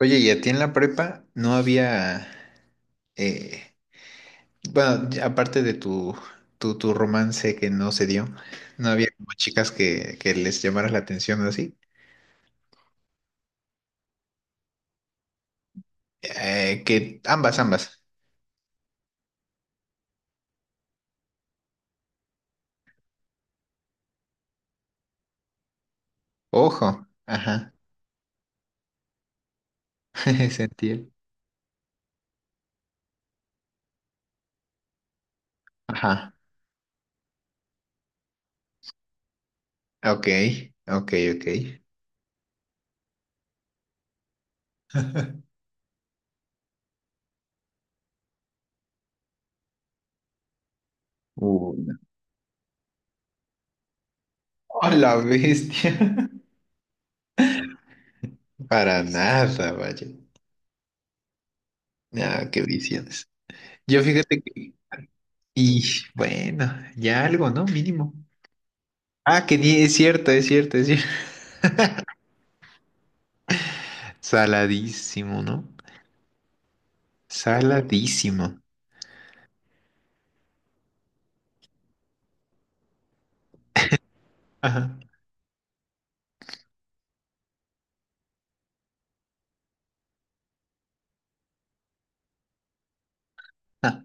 Oye, ¿y a ti en la prepa no había, eh, bueno, ya aparte de tu romance que no se dio, no había como chicas que les llamaras la atención o así? Que ambas, ambas. Ojo, ajá. Sentí. Ajá, ok, ok, ok. No. ¡Oh, la bestia! Para nada, vaya. Ah, qué visiones. Yo, fíjate que, y bueno, ya algo, ¿no? Mínimo. Ah, es cierto, es cierto, es cierto. Saladísimo, ¿no? Saladísimo. Ajá. Ah,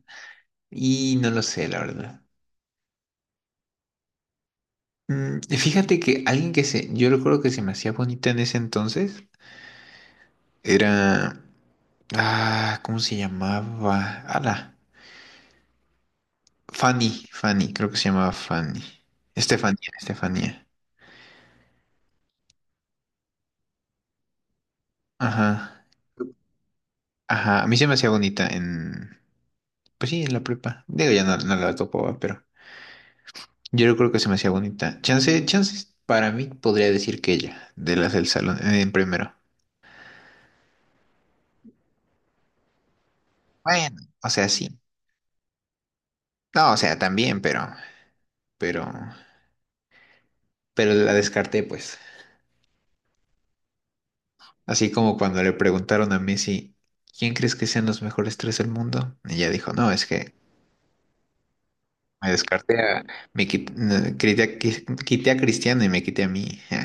y no lo sé, la verdad. Fíjate que alguien yo recuerdo que se me hacía bonita en ese entonces, era, ¿cómo se llamaba? Ala, Fanny, Fanny, creo que se llamaba Fanny. Estefanía, Estefanía. Ajá, ajá, a mí se me hacía bonita en, pues sí, en la prepa. Digo, ya no, no la topo, ¿va? Pero. Yo no creo que se me hacía bonita. Chance, chances, para mí podría decir que ella, de las del salón, en primero. Bueno, o sea, sí. No, o sea, también, pero, pero, pero la descarté, pues. Así como cuando le preguntaron a Messi, ¿quién crees que sean los mejores tres del mundo? Y ella dijo, no, es que me descarté a, me quit- no, quité a Cristiano y me quité a mí.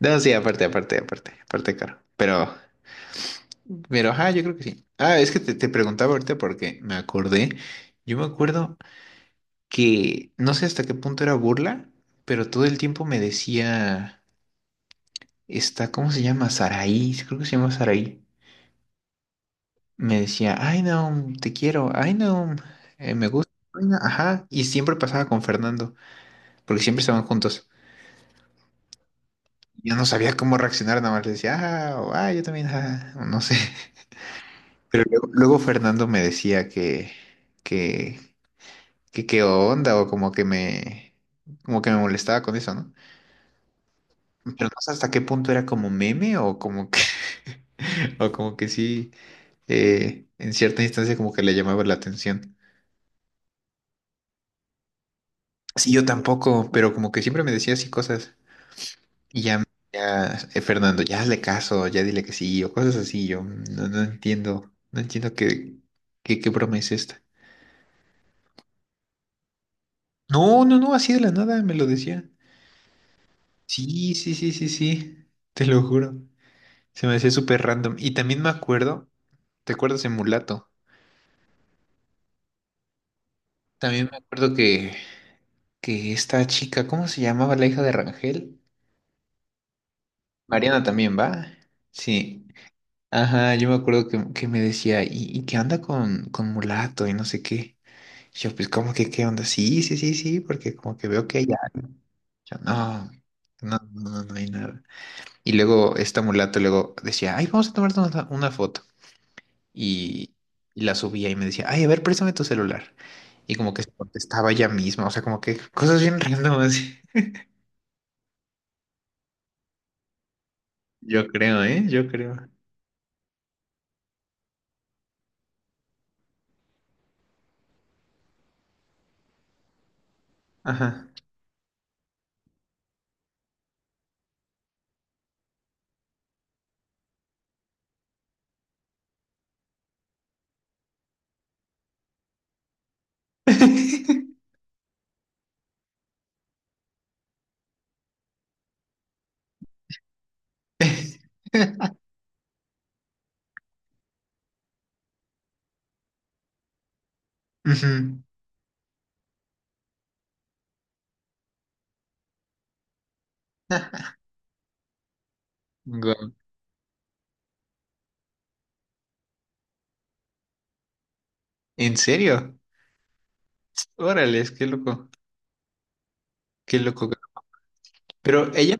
No, sí, aparte, aparte, aparte, aparte, claro. Pero, ajá, yo creo que sí. Ah, es que te preguntaba ahorita porque me acordé. Yo me acuerdo que no sé hasta qué punto era burla, pero todo el tiempo me decía, está, ¿cómo se llama? Saraí, creo que se llama Saraí. Me decía, ay, no, te quiero, ay, no, me gusta. Ay, Naum". Ajá, y siempre pasaba con Fernando, porque siempre estaban juntos. Yo no sabía cómo reaccionar, nada más le decía, ah, o, "Ah, yo también, ah", o no sé. Pero luego Fernando me decía que, que qué onda o como que me molestaba con eso, ¿no? Pero no sé hasta qué punto era como meme o como que o como que sí, en cierta instancia como que le llamaba la atención. Sí, yo tampoco, pero como que siempre me decía así cosas y ya ya, Fernando, ya hazle caso, ya dile que sí o cosas así, yo no, no entiendo, no entiendo qué broma es esta. No, no, no, así de la nada me lo decía. Sí, sí, sí, sí, sí, te lo juro. Se me hacía súper random. Y también me acuerdo, ¿te acuerdas de Mulato? También me acuerdo que esta chica, ¿cómo se llamaba la hija de Rangel? Mariana también, ¿va? Sí. Ajá, yo me acuerdo que me decía, ¿y qué onda con Mulato? Y no sé qué. Y yo, pues, ¿cómo que qué onda? Sí, sí, sí, sí, porque como que veo que hay algo. Yo, no, no, no, no, no hay nada. Y luego esta Mulato luego decía, ay, vamos a tomar una foto. y, y la subía y me decía, ay, a ver, préstame tu celular. Y como que se contestaba ella misma, o sea, como que cosas bien random así. Yo creo, ¿eh? Yo creo. Ajá. Ujú. Guau. ¿En serio? Órale, qué loco, qué loco. Pero ella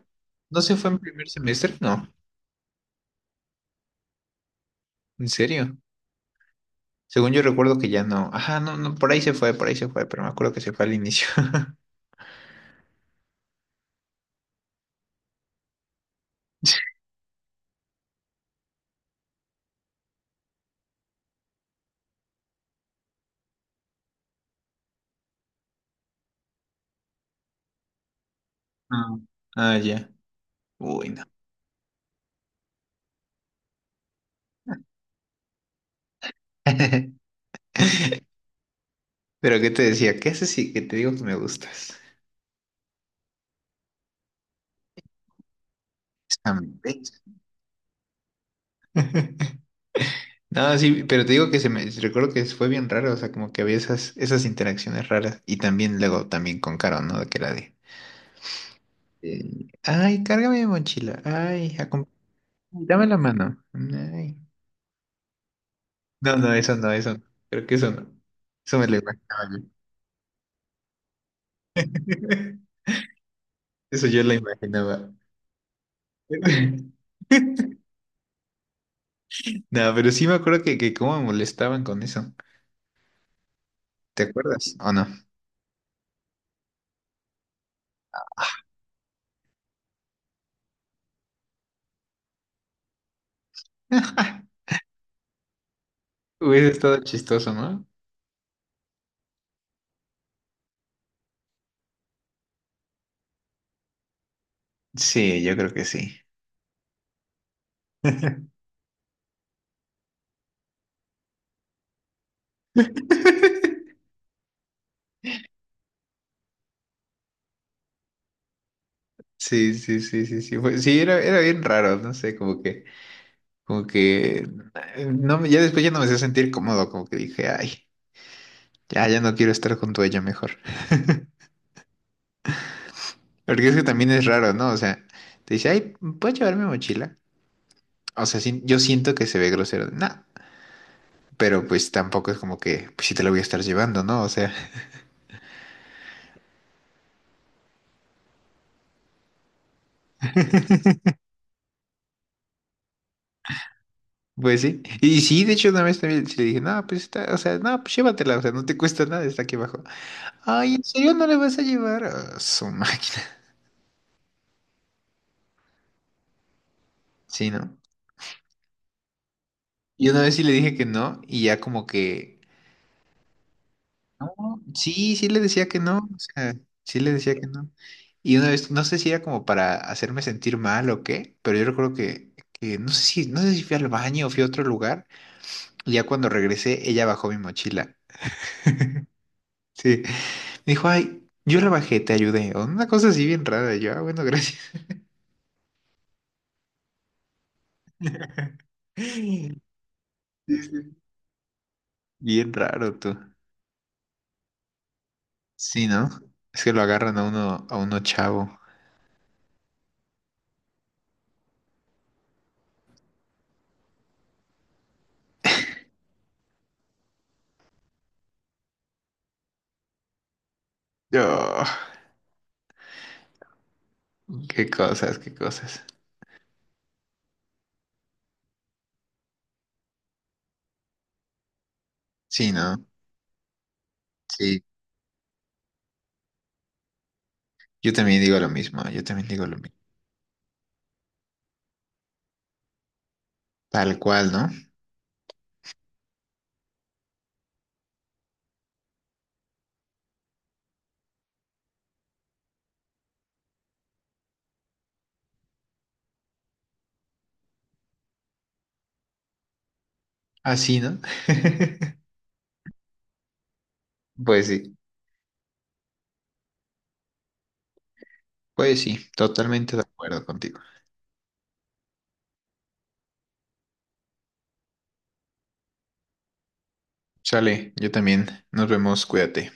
no se fue en primer semestre, no, en serio. Según yo recuerdo que ya no. Ajá, no, no, por ahí se fue, por ahí se fue, pero me acuerdo que se fue al inicio. Ah, ah, ya. Uy, no. Pero ¿qué te decía? ¿Qué haces si que te digo que me gustas? Am- No, sí, pero te digo que se me recuerdo que fue bien raro, o sea, como que había esas interacciones raras. Y también luego también con Caro, ¿no? De que la de, ay, cárgame mi mochila, ay, dame la mano. Ay. No, no, eso no, eso no. Creo que eso no. Eso me lo imaginaba yo. Eso yo lo imaginaba. No, pero sí me acuerdo que cómo me molestaban con eso. ¿Te acuerdas o no? Hubiese estado chistoso, ¿no? Sí, yo creo que sí. Sí, sí, sí, sí, sí. Sí, era bien raro, no sé, como que, no, ya después ya no me hacía sentir cómodo, como que dije, ay, ya, ya no quiero estar junto a ella mejor. Porque es que también es raro, ¿no? O sea, te dice, ay, ¿puedo llevar mi mochila? O sea, sí, yo siento que se ve grosero, no, pero pues tampoco es como que, pues sí te la voy a estar llevando, ¿no? O sea. Pues sí. Y sí, de hecho, una vez también sí le dije, no, pues está, o sea, no, pues llévatela, o sea, no te cuesta nada, está aquí abajo. Ay, ¿en serio no la vas a llevar? Ah, su máquina. Sí, ¿no? Y una vez sí le dije que no, y ya como que, no, sí, sí le decía que no, o sea, sí le decía que no. Y una vez, no sé si era como para hacerme sentir mal o qué, pero yo recuerdo que no sé si fui al baño o fui a otro lugar, y ya cuando regresé, ella bajó mi mochila. Sí. Me dijo, ay, yo rebajé, te ayudé. O una cosa así bien rara. Y yo, bueno, gracias. Sí, sí. Bien raro tú. Sí, ¿no? Es que lo agarran a uno, chavo. Yo, qué cosas, qué cosas. Sí, ¿no? Sí. Yo también digo lo mismo, yo también digo lo mismo. Tal cual, ¿no? Así, ¿no? Pues sí, pues sí, totalmente de acuerdo contigo. Sale, yo también. Nos vemos, cuídate.